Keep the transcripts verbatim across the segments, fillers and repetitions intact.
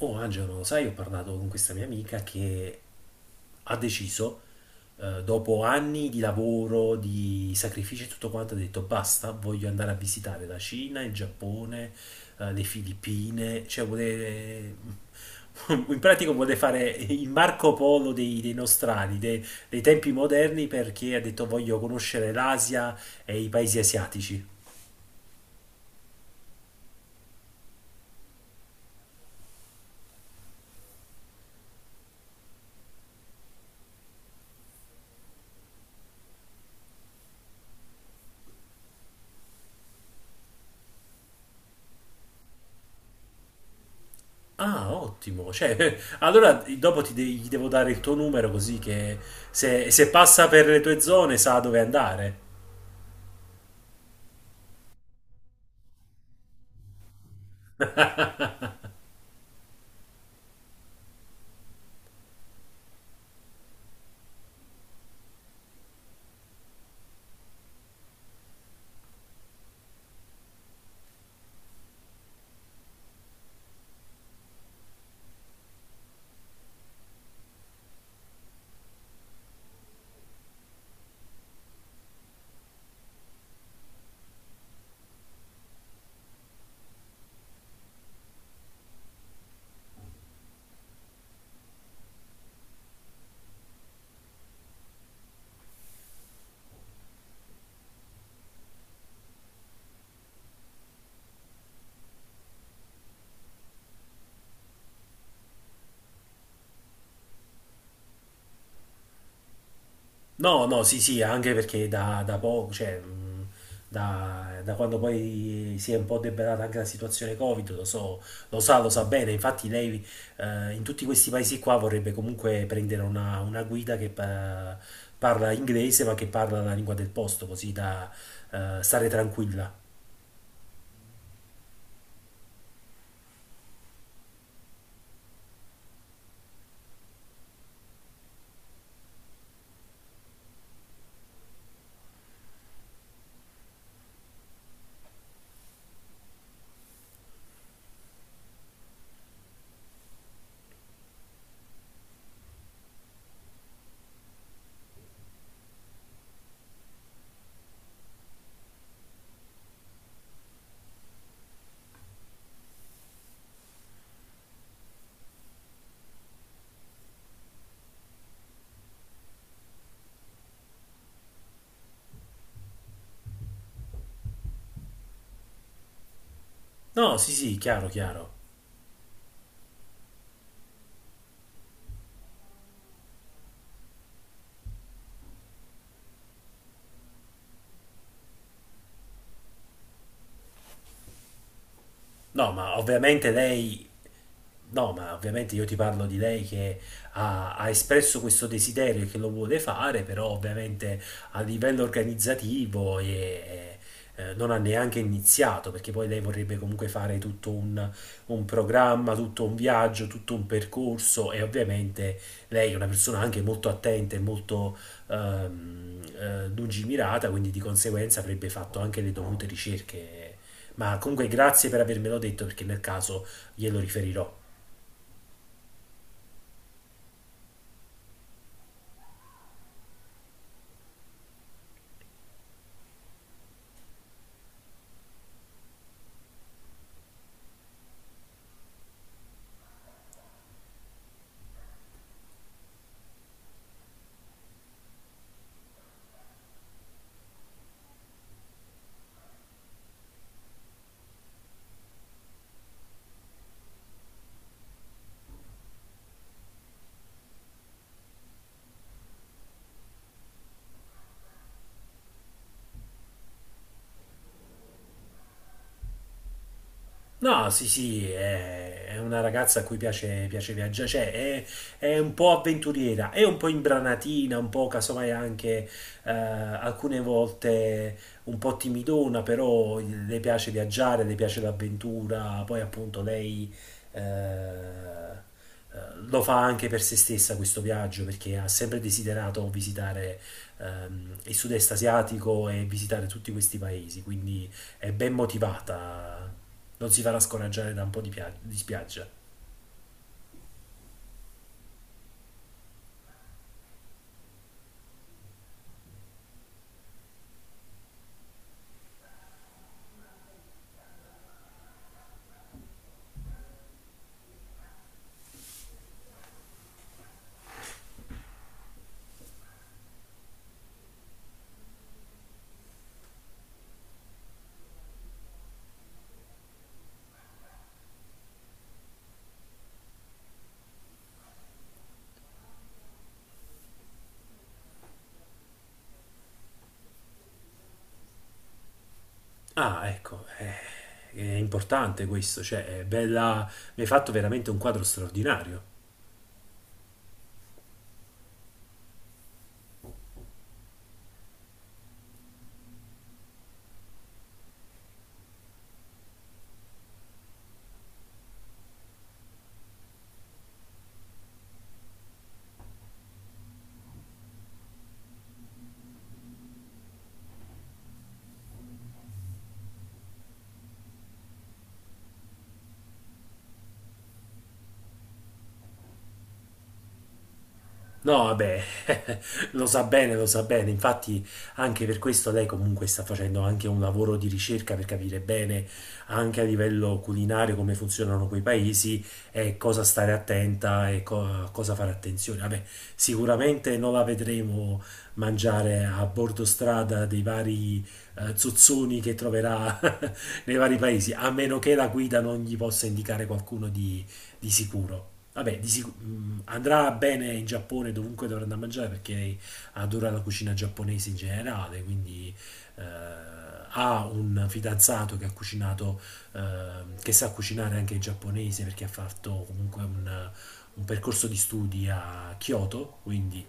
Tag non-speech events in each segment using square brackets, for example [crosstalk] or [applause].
Oh Angelo, sai, ho parlato con questa mia amica che ha deciso, eh, dopo anni di lavoro, di sacrifici e tutto quanto, ha detto basta, voglio andare a visitare la Cina, il Giappone, eh, le Filippine, cioè vuole... [laughs] In pratica vuole fare il Marco Polo dei, dei nostrani, dei, dei tempi moderni, perché ha detto voglio conoscere l'Asia e i paesi asiatici. Ah, ottimo. Cioè, [laughs] allora dopo ti de- gli devo dare il tuo numero così che se, se passa per le tue zone sa dove andare. No, no, sì, sì, anche perché da, da poco, cioè, mh, da, da quando poi si è un po' debellata anche la situazione Covid, lo so, lo sa, lo sa bene. Infatti lei eh, in tutti questi paesi qua vorrebbe comunque prendere una, una guida che pa- parla inglese ma che parla la lingua del posto, così da eh, stare tranquilla. No, sì, sì, chiaro, chiaro. No, ma ovviamente lei No, ma ovviamente io ti parlo di lei che ha, ha espresso questo desiderio e che lo vuole fare, però ovviamente a livello organizzativo e- eh, non ha neanche iniziato, perché poi lei vorrebbe comunque fare tutto un, un programma, tutto un viaggio, tutto un percorso e ovviamente lei è una persona anche molto attenta e molto ehm, eh, lungimirata, quindi di conseguenza avrebbe fatto anche le dovute ricerche. Ma comunque grazie per avermelo detto, perché nel caso glielo riferirò. No, sì, sì, è, è una ragazza a cui piace, piace viaggiare, cioè è, è un po' avventuriera, è un po' imbranatina, un po' casomai anche eh, alcune volte un po' timidona, però le piace viaggiare, le piace l'avventura, poi appunto lei eh, eh, lo fa anche per se stessa questo viaggio, perché ha sempre desiderato visitare ehm, il sud-est asiatico e visitare tutti questi paesi, quindi è ben motivata. Non si farà scoraggiare da un po' di, pia- di spiaggia. Ah, ecco, eh, è importante questo, cioè è bella, mi hai fatto veramente un quadro straordinario. No, vabbè, [laughs] lo sa bene, lo sa bene. Infatti, anche per questo lei comunque sta facendo anche un lavoro di ricerca per capire bene, anche a livello culinario, come funzionano quei paesi e cosa stare attenta e co- a cosa fare attenzione. Vabbè, sicuramente non la vedremo mangiare a bordo strada dei vari eh, zozzoni che troverà [laughs] nei vari paesi, a meno che la guida non gli possa indicare qualcuno di di sicuro. Vabbè, di sicu- mm, andrà bene in Giappone dovunque dovrà andare a mangiare perché adora la cucina giapponese in generale, quindi eh, ha un fidanzato che ha cucinato, eh, che sa cucinare anche il giapponese perché ha fatto comunque un, un percorso di studi a Kyoto, quindi...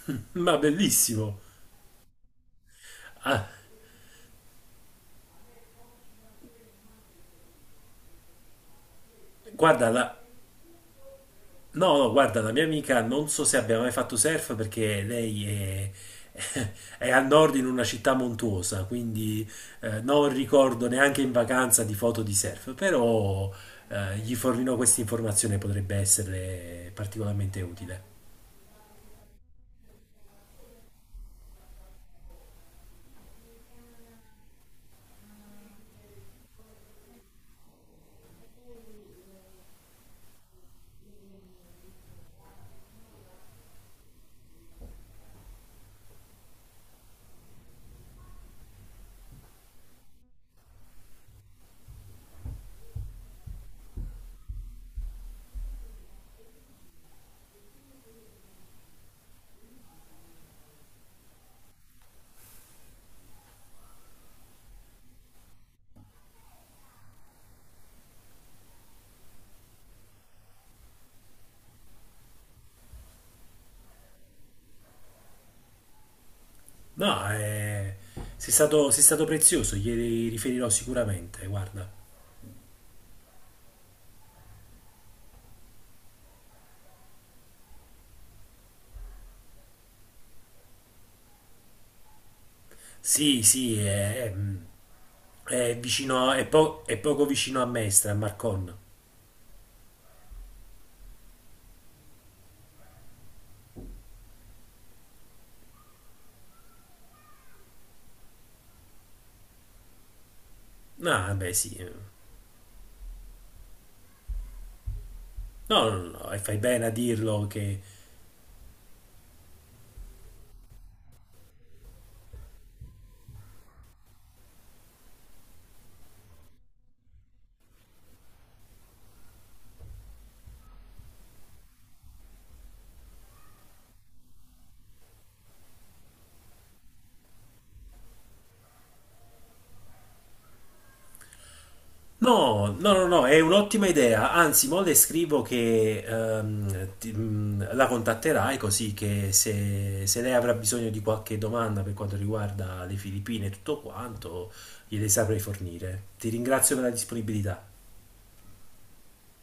[laughs] Ma bellissimo! Ah, guarda, la- no, no, guarda, la mia amica non so se abbia mai fatto surf perché lei è, [laughs] è a nord in una città montuosa, quindi eh, non ricordo neanche in vacanza di foto di surf, però eh, gli fornirò questa informazione, potrebbe essere particolarmente utile. No, è, sei stato, sei stato prezioso, gli riferirò sicuramente, guarda. Sì, sì, è, è mm, è vicino, è, po- è poco vicino a Mestre, a Marcon. Ah, beh, sì. No, no, no, e fai bene a dirlo che... No, no, no, no, è un'ottima idea. Anzi, mo le scrivo che ehm, ti- mh, la contatterai così che se, se lei avrà bisogno di qualche domanda per quanto riguarda le Filippine e tutto quanto, gliele saprai fornire. Ti ringrazio per la disponibilità.